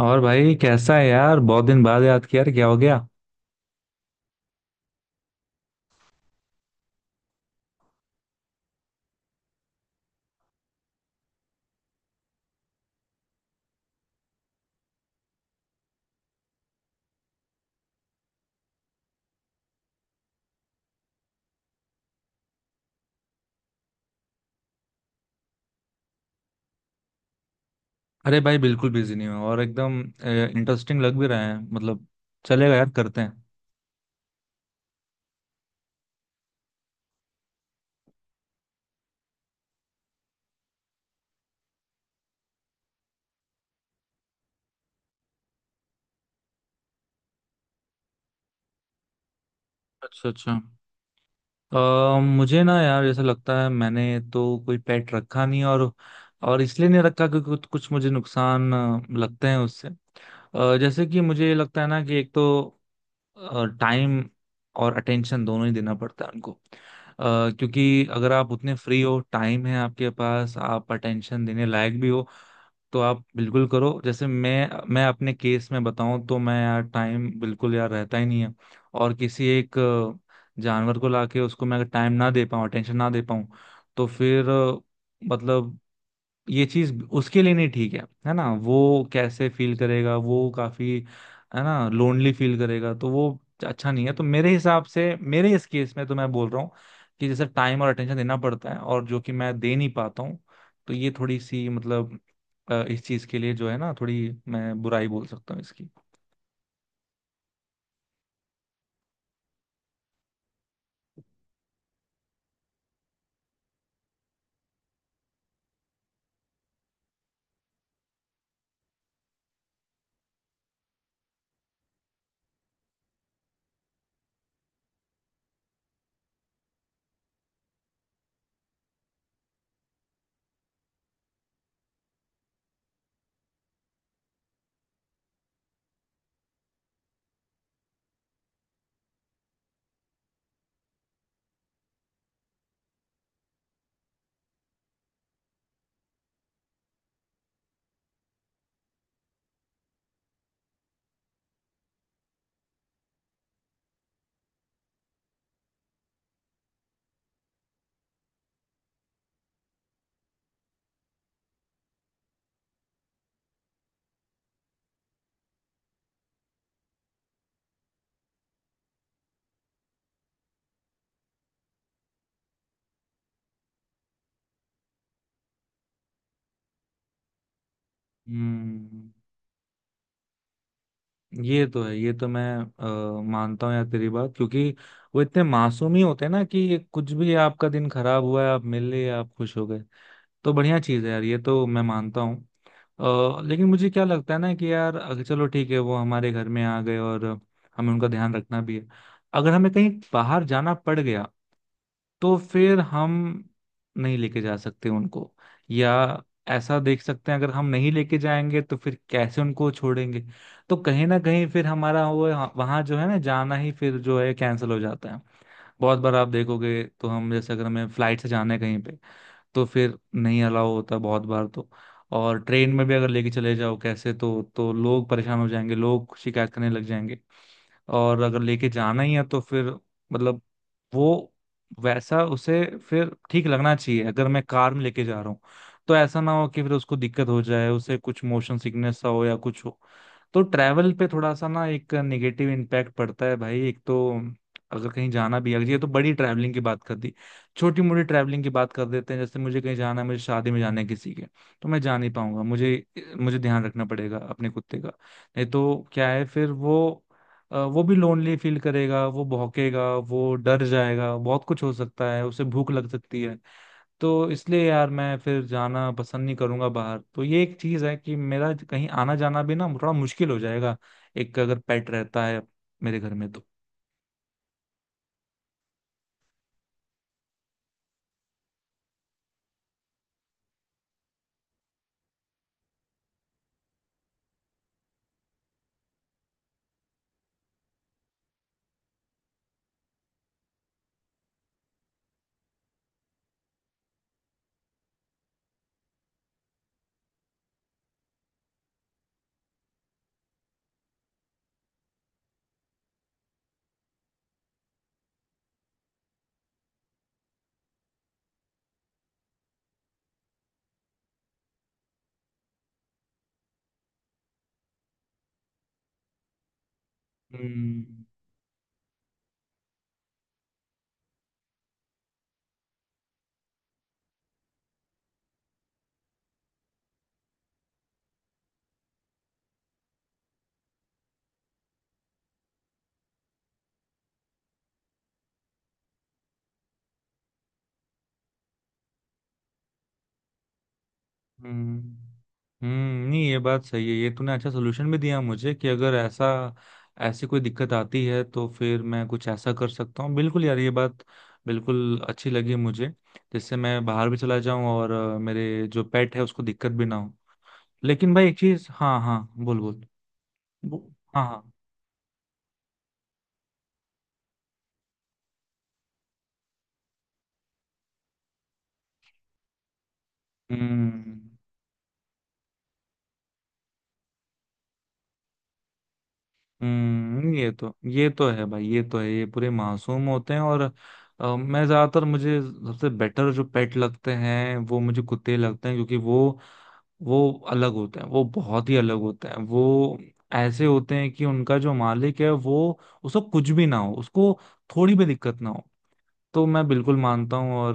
और भाई कैसा है यार? बहुत दिन बाद याद किया यार, क्या हो गया? अरे भाई बिल्कुल बिजी नहीं हूँ, और एकदम इंटरेस्टिंग लग भी रहा है। मतलब चलेगा यार, करते हैं। अच्छा अच्छा। मुझे ना यार ऐसा लगता है, मैंने तो कोई पेट रखा नहीं। और और इसलिए नहीं रखा क्योंकि कुछ कुछ मुझे नुकसान लगते हैं उससे। जैसे कि मुझे ये लगता है ना कि एक तो टाइम और अटेंशन दोनों ही देना पड़ता है उनको। क्योंकि अगर आप उतने फ्री हो, टाइम है आपके पास, आप अटेंशन देने लायक भी हो, तो आप बिल्कुल करो। जैसे मैं अपने केस में बताऊं तो मैं यार टाइम बिल्कुल यार रहता ही नहीं है। और किसी एक जानवर को लाके उसको मैं अगर टाइम ना दे पाऊँ, अटेंशन ना दे पाऊँ, तो फिर मतलब ये चीज उसके लिए नहीं ठीक है। है ना? वो कैसे फील करेगा? वो काफी, है ना, लोनली फील करेगा। तो वो अच्छा नहीं है। तो मेरे हिसाब से, मेरे इस केस में तो मैं बोल रहा हूँ कि जैसे टाइम और अटेंशन देना पड़ता है, और जो कि मैं दे नहीं पाता हूँ, तो ये थोड़ी सी मतलब इस चीज के लिए जो है ना, थोड़ी मैं बुराई बोल सकता हूँ इसकी। हम्म। ये तो है, ये तो मैं मानता हूँ यार तेरी बात, क्योंकि वो इतने मासूम ही होते हैं ना कि कुछ भी, आपका दिन खराब हुआ है, आप मिले, आप खुश हो गए। तो बढ़िया चीज़ है यार, ये तो मैं मानता हूँ। लेकिन मुझे क्या लगता है ना कि यार, अगर चलो ठीक है, वो हमारे घर में आ गए और हमें उनका ध्यान रखना भी है, अगर हमें कहीं बाहर जाना पड़ गया, तो फिर हम नहीं लेके जा सकते उनको। या ऐसा देख सकते हैं, अगर हम नहीं लेके जाएंगे तो फिर कैसे उनको छोड़ेंगे? तो कहीं ना कहीं फिर हमारा वो, वहां जो है ना जाना ही, फिर जो है कैंसिल हो जाता है। बहुत बार आप देखोगे तो, हम जैसे अगर हमें फ्लाइट से जाना है कहीं पे, तो फिर नहीं अलाउ होता बहुत बार तो। और ट्रेन में भी अगर लेके चले जाओ कैसे, तो लोग परेशान हो जाएंगे, लोग शिकायत करने लग जाएंगे। और अगर लेके जाना ही है तो फिर, मतलब, वो वैसा उसे फिर ठीक लगना चाहिए। अगर मैं कार में लेके जा रहा हूँ तो ऐसा ना हो कि फिर उसको दिक्कत हो जाए, उसे कुछ मोशन सिकनेस सा हो या कुछ हो। तो ट्रैवल पे थोड़ा सा ना एक नेगेटिव इम्पैक्ट पड़ता है भाई एक तो। अगर कहीं जाना भी है, ये तो बड़ी ट्रैवलिंग की बात कर दी, छोटी मोटी ट्रैवलिंग की बात कर देते हैं। जैसे मुझे कहीं जाना है, मुझे शादी में जाना है किसी के, तो मैं जा नहीं पाऊंगा। मुझे, मुझे ध्यान रखना पड़ेगा अपने कुत्ते का। नहीं तो क्या है, फिर वो वो भी लोनली फील करेगा, वो भौंकेगा, वो डर जाएगा, बहुत कुछ हो सकता है, उसे भूख लग सकती है। तो इसलिए यार मैं फिर जाना पसंद नहीं करूंगा बाहर। तो ये एक चीज है कि मेरा कहीं आना जाना भी ना थोड़ा मुश्किल हो जाएगा, एक अगर पेट रहता है मेरे घर में तो। हम्म हम्म। हम्म, नहीं ये बात सही है। ये तूने अच्छा सोल्यूशन भी दिया मुझे, कि अगर ऐसा, ऐसी कोई दिक्कत आती है तो फिर मैं कुछ ऐसा कर सकता हूँ। बिल्कुल यार, ये बात बिल्कुल अच्छी लगी मुझे, जिससे मैं बाहर भी चला जाऊं और मेरे जो पेट है उसको दिक्कत भी ना हो। लेकिन भाई एक चीज, हाँ हाँ, बोल बोल। बो- हाँ हाँ। हम्म हम्म। ये तो, ये तो है भाई, ये तो है। ये पूरे मासूम होते हैं और मैं ज्यादातर, मुझे सबसे बेटर जो पेट लगते हैं वो मुझे कुत्ते लगते हैं, क्योंकि वो अलग होते हैं, वो बहुत ही अलग होते हैं। वो ऐसे होते हैं कि उनका जो मालिक है, वो, उसको कुछ भी ना हो, उसको थोड़ी भी दिक्कत ना हो। तो मैं बिल्कुल मानता हूँ। और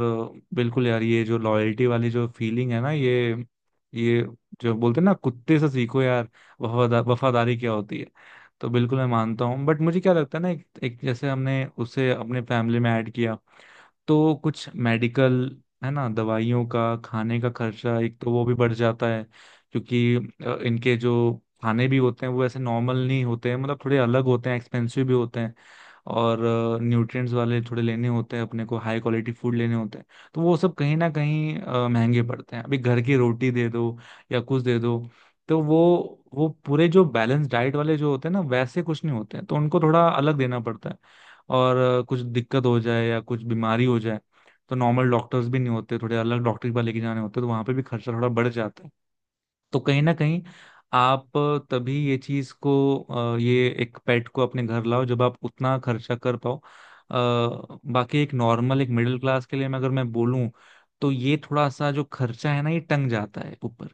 बिल्कुल यार ये जो लॉयल्टी वाली जो फीलिंग है ना, ये जो बोलते हैं ना, कुत्ते से सीखो यार वफादा, वफादारी क्या होती है। तो बिल्कुल मैं मानता हूँ। बट मुझे क्या लगता है ना, एक जैसे हमने उसे अपने फैमिली में ऐड किया, तो कुछ मेडिकल, है ना, दवाइयों का, खाने का खर्चा एक तो वो भी बढ़ जाता है। क्योंकि इनके जो खाने भी होते हैं, वो ऐसे नॉर्मल नहीं होते हैं, मतलब थोड़े अलग होते हैं, एक्सपेंसिव भी होते हैं। और न्यूट्रिएंट्स वाले थोड़े लेने होते हैं, अपने को हाई क्वालिटी फूड लेने होते हैं। तो वो सब कहीं ना कहीं महंगे पड़ते हैं। अभी घर की रोटी दे दो या कुछ दे दो, तो वो पूरे जो बैलेंस डाइट वाले जो होते हैं ना वैसे कुछ नहीं होते हैं, तो उनको थोड़ा अलग देना पड़ता है। और कुछ दिक्कत हो जाए या कुछ बीमारी हो जाए, तो नॉर्मल डॉक्टर्स भी नहीं होते, थोड़े अलग डॉक्टर के पास लेके जाने होते हैं, तो वहां पे भी खर्चा थोड़ा बढ़ जाता है। तो कहीं ना कहीं आप, तभी ये चीज को ये एक पेट को अपने घर लाओ जब आप उतना खर्चा कर पाओ। बाकी एक नॉर्मल, एक मिडिल क्लास के लिए मैं अगर मैं बोलूं, तो ये थोड़ा सा जो खर्चा है ना, ये टंग जाता है ऊपर।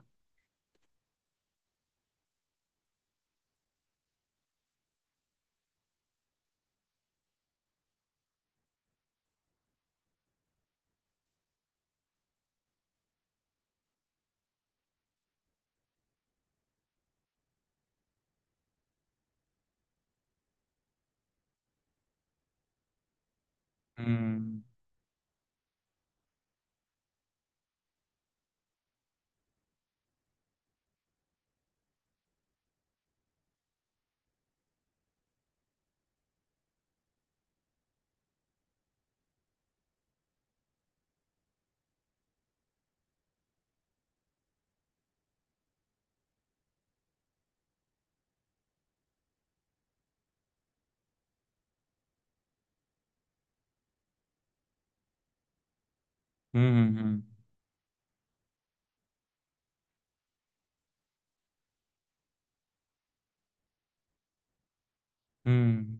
हम्म हम्म हम्म हम्म।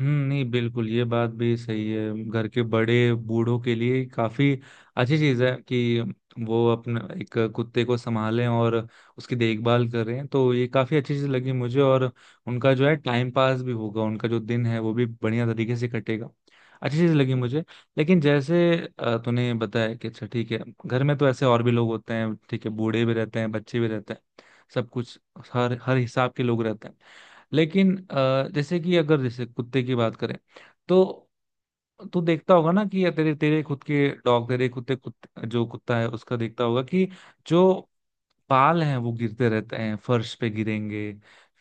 नहीं बिल्कुल ये बात भी सही है। घर के बड़े बूढ़ों के लिए काफी अच्छी चीज है कि वो अपने एक कुत्ते को संभालें और उसकी देखभाल करें। तो ये काफी अच्छी चीज लगी मुझे। और उनका जो है टाइम पास भी होगा, उनका जो दिन है वो भी बढ़िया तरीके से कटेगा। अच्छी चीज लगी मुझे। लेकिन जैसे तूने बताया कि अच्छा ठीक है, घर में तो ऐसे और भी लोग होते हैं, ठीक है, बूढ़े भी रहते हैं, बच्चे भी रहते हैं, सब कुछ, हर हर हिसाब के लोग रहते हैं। लेकिन जैसे कि अगर जैसे कुत्ते की बात करें, तो तू देखता होगा ना कि, या तेरे तेरे खुद के डॉग, तेरे कुत्ते, जो कुत्ता है उसका देखता होगा कि, जो बाल हैं वो गिरते रहते हैं, फर्श पे गिरेंगे,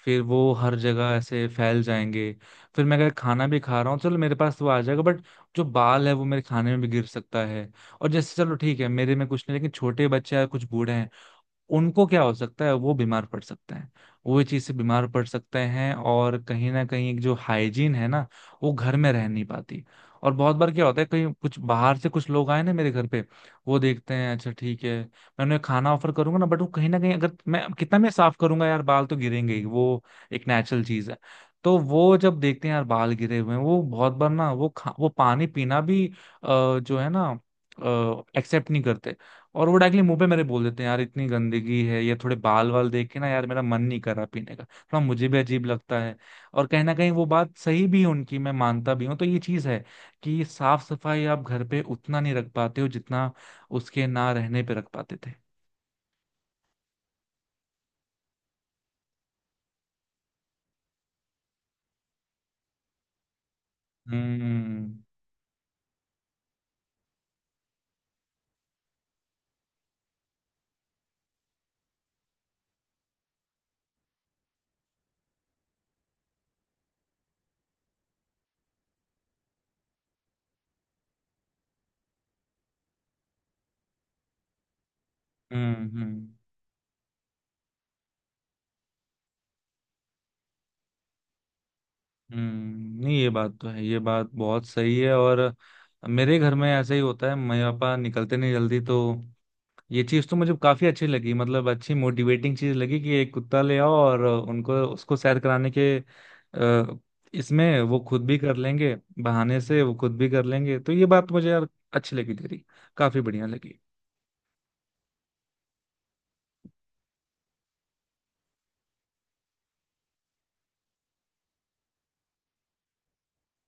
फिर वो हर जगह ऐसे फैल जाएंगे। फिर मैं अगर खाना भी खा रहा हूँ, चलो मेरे पास तो वो आ जाएगा, बट जो बाल है वो मेरे खाने में भी गिर सकता है। और जैसे चलो ठीक है, मेरे में कुछ नहीं, लेकिन छोटे बच्चे या कुछ बूढ़े हैं, उनको क्या हो सकता है, वो बीमार पड़ सकते हैं, वो ये चीज से बीमार पड़ सकते हैं। और कहीं ना कहीं एक जो हाइजीन है ना, वो घर में रह नहीं पाती। और बहुत बार क्या होता है, कहीं कुछ बाहर से कुछ लोग आए ना मेरे घर पे, वो देखते हैं, अच्छा ठीक है मैं उन्हें खाना ऑफर करूंगा ना, बट वो कहीं ना कहीं, अगर मैं कितना मैं साफ करूंगा यार, बाल तो गिरेंगे ही वो, एक नेचुरल चीज है। तो वो जब देखते हैं यार बाल गिरे हुए हैं, वो बहुत बार ना वो खा, वो पानी पीना भी जो है ना एक्सेप्ट नहीं करते। और वो डायरेक्टली मुंह पे मेरे बोल देते हैं यार, इतनी गंदगी है ये, थोड़े बाल वाल देख के ना यार मेरा मन नहीं कर रहा पीने का, थोड़ा मुझे भी अजीब लगता है। और कहीं ना कहीं वो बात सही भी है उनकी, मैं मानता भी हूँ। तो ये चीज है कि साफ सफाई आप घर पे उतना नहीं रख पाते हो जितना उसके ना रहने पे रख पाते थे। हम्म हम्म। नहीं ये बात तो है, ये बात बहुत सही है। और मेरे घर में ऐसा ही होता है, मेरे पापा निकलते नहीं जल्दी तो। ये चीज तो मुझे काफी अच्छी लगी, मतलब अच्छी मोटिवेटिंग चीज लगी, कि एक कुत्ता ले आओ और उनको, उसको सैर कराने के इसमें वो खुद भी कर लेंगे। बहाने से वो खुद भी कर लेंगे। तो ये बात मुझे यार अच्छी लगी तेरी, काफी बढ़िया लगी।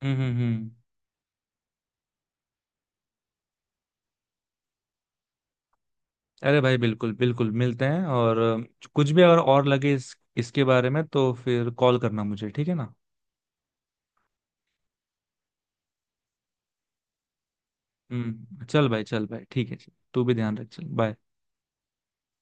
हम्म हम्म हम्म। अरे भाई बिल्कुल बिल्कुल, मिलते हैं। और कुछ भी अगर और लगे इस, इसके बारे में, तो फिर कॉल करना मुझे, ठीक है ना? हम्म, चल भाई, चल भाई, ठीक है। चल तू भी ध्यान रख, चल बाय।